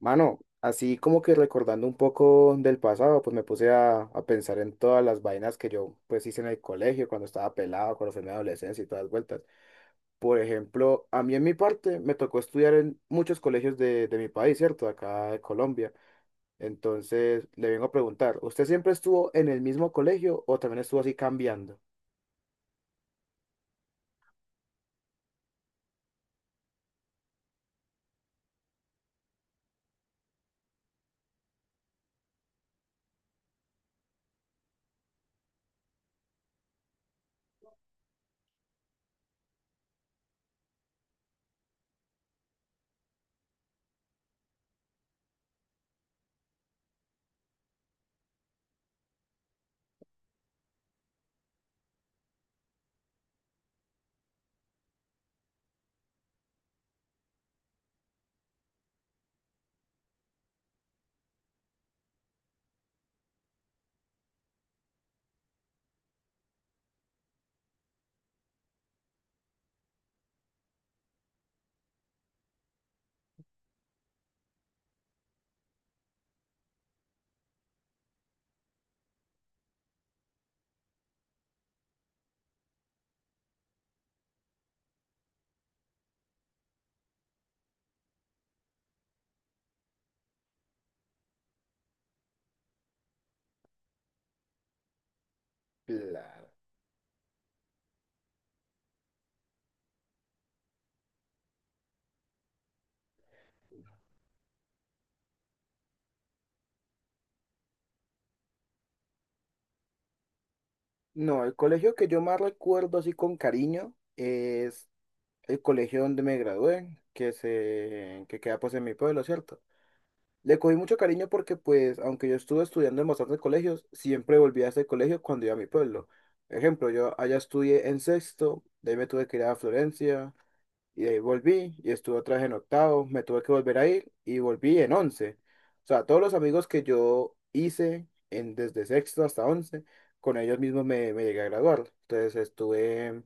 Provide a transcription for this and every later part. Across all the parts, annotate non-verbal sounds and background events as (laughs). Mano, así como que recordando un poco del pasado, pues me puse a pensar en todas las vainas que yo pues hice en el colegio, cuando estaba pelado, cuando fue mi adolescencia y todas las vueltas. Por ejemplo, a mí en mi parte me tocó estudiar en muchos colegios de mi país, ¿cierto? Acá de Colombia. Entonces, le vengo a preguntar, ¿usted siempre estuvo en el mismo colegio o también estuvo así cambiando? Claro. No, el colegio que yo más recuerdo así con cariño es el colegio donde me gradué, que queda pues en mi pueblo, ¿cierto? Le cogí mucho cariño porque pues, aunque yo estuve estudiando en bastantes colegios, siempre volví a ese colegio cuando iba a mi pueblo. Ejemplo, yo allá estudié en sexto, de ahí me tuve que ir a Florencia, y de ahí volví y estuve otra vez en octavo, me tuve que volver a ir y volví en once. O sea, todos los amigos que yo hice en, desde sexto hasta once, con ellos mismos me llegué a graduar.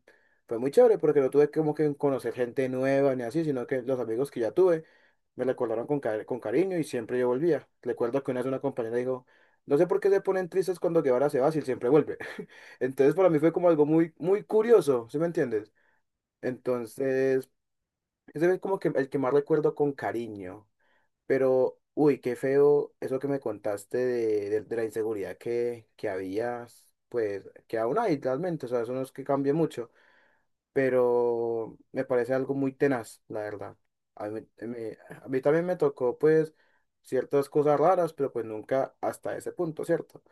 Fue muy chévere porque no tuve como que conocer gente nueva ni así, sino que los amigos que ya tuve me recordaron con, con cariño y siempre yo volvía. Recuerdo que una vez una compañera dijo, no sé por qué se ponen tristes cuando Guevara se va, si él siempre vuelve. (laughs) Entonces para mí fue como algo muy, muy curioso, ¿sí me entiendes? Entonces... Ese es como que el que más recuerdo con cariño. Pero, uy, qué feo eso que me contaste de la inseguridad que habías, pues, que aún hay realmente, o sea, eso no es que cambie mucho, pero me parece algo muy tenaz, la verdad. A mí, me- a mí también me tocó, pues, ciertas cosas raras, pero pues nunca hasta ese punto, ¿cierto?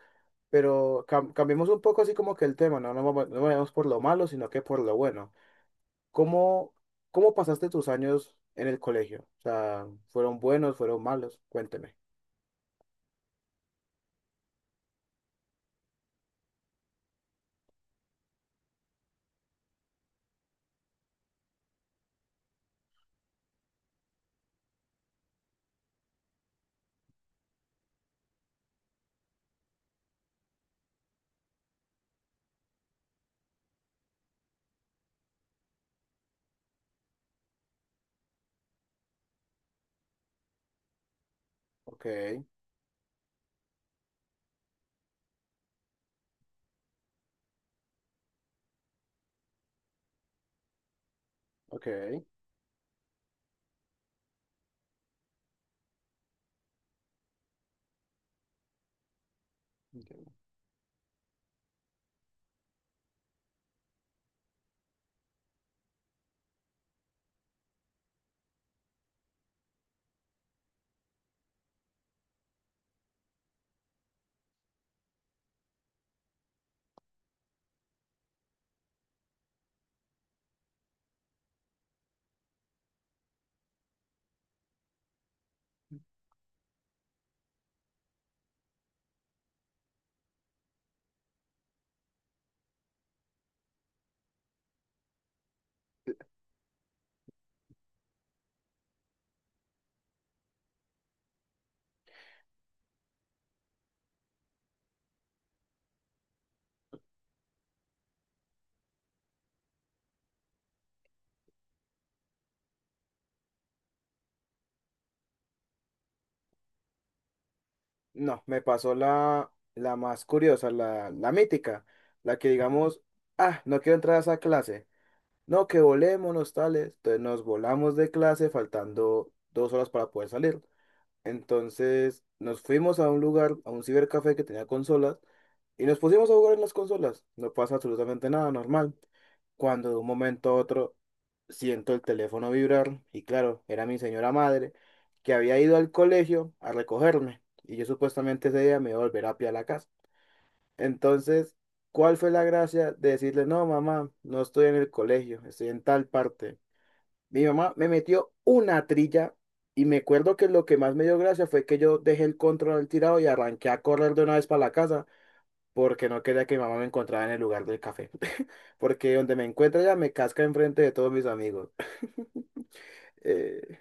Pero cambiemos un poco así como que el tema, no, no, no vayamos por lo malo, sino que por lo bueno. ¿Cómo, ¿Cómo pasaste tus años en el colegio? O sea, ¿fueron buenos, fueron malos? Cuénteme. Ok, ok. Entiendo. No, me pasó la más curiosa, la mítica, la que digamos, ah, no quiero entrar a esa clase. No, que volémonos tales. Entonces nos volamos de clase faltando dos horas para poder salir. Entonces nos fuimos a un lugar, a un cibercafé que tenía consolas y nos pusimos a jugar en las consolas. No pasa absolutamente nada, normal. Cuando de un momento a otro siento el teléfono vibrar y claro, era mi señora madre que había ido al colegio a recogerme y yo supuestamente ese día me iba a volver a pie a la casa. Entonces, ¿cuál fue la gracia de decirle, no, mamá, no estoy en el colegio, estoy en tal parte? Mi mamá me metió una trilla y me acuerdo que lo que más me dio gracia fue que yo dejé el control al tirado y arranqué a correr de una vez para la casa porque no quería que mi mamá me encontrara en el lugar del café. (laughs) Porque donde me encuentra ella me casca enfrente de todos mis amigos. (laughs) Eh,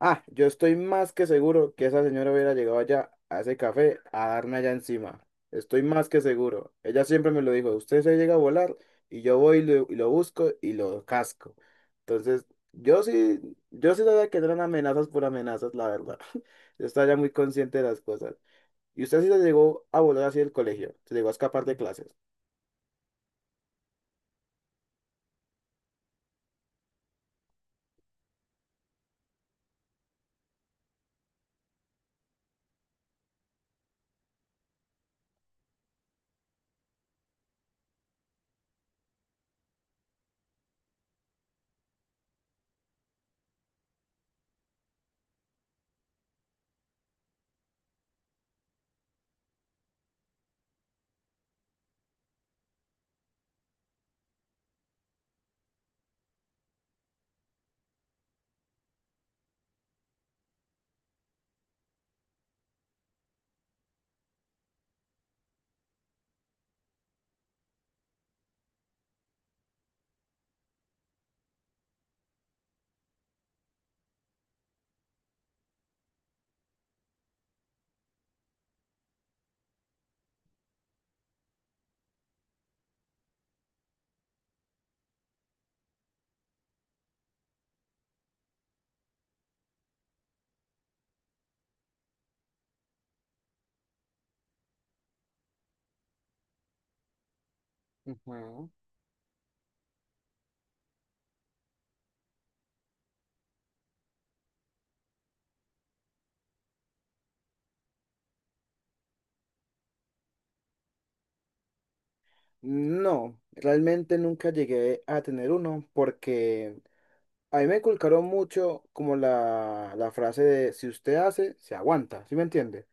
Ah, yo estoy más que seguro que esa señora hubiera llegado allá a ese café a darme allá encima. Estoy más que seguro. Ella siempre me lo dijo, usted se llega a volar y yo voy y y lo busco y lo casco. Entonces, yo sí, yo sí sabía que no eran amenazas por amenazas, la verdad. (laughs) Yo estaba ya muy consciente de las cosas. ¿Y usted sí se llegó a volar así del colegio? ¿Se llegó a escapar de clases? Ujú. No, realmente nunca llegué a tener uno porque... A mí me inculcaron mucho como la frase de si usted hace, se aguanta, ¿sí me entiende?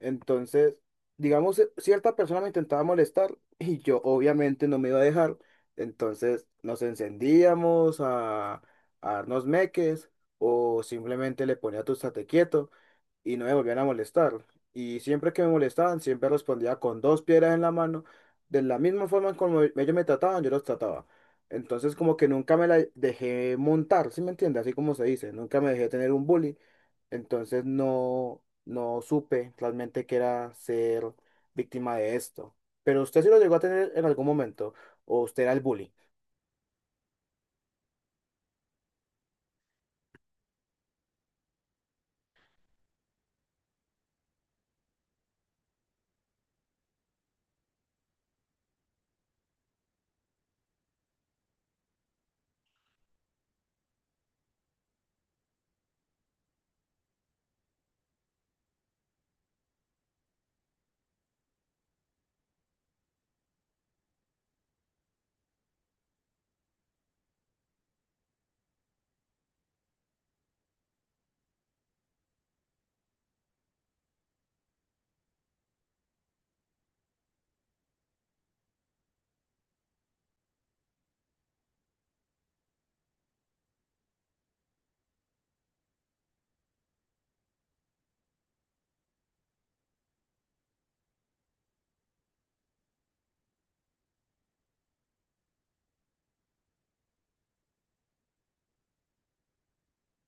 Entonces, digamos, cierta persona me intentaba molestar (laughs) y yo obviamente no me iba a dejar. Entonces nos encendíamos a darnos meques o simplemente le ponía tu estate quieto y no me volvían a molestar. Y siempre que me molestaban, siempre respondía con dos piedras en la mano, de la misma forma como ellos me trataban, yo los trataba. Entonces como que nunca me la dejé montar, ¿sí me entiendes? Así como se dice, nunca me dejé tener un bully. Entonces no, no supe realmente que era ser víctima de esto. Pero usted sí lo llegó a tener en algún momento, o usted era el bully.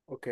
Ok,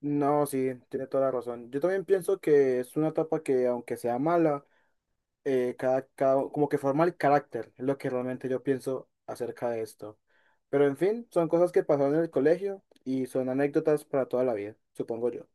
no, sí, tiene toda la razón. Yo también pienso que es una etapa que, aunque sea mala, cada, como que forma el carácter, es lo que realmente yo pienso acerca de esto. Pero en fin, son cosas que pasaron en el colegio y son anécdotas para toda la vida, supongo yo.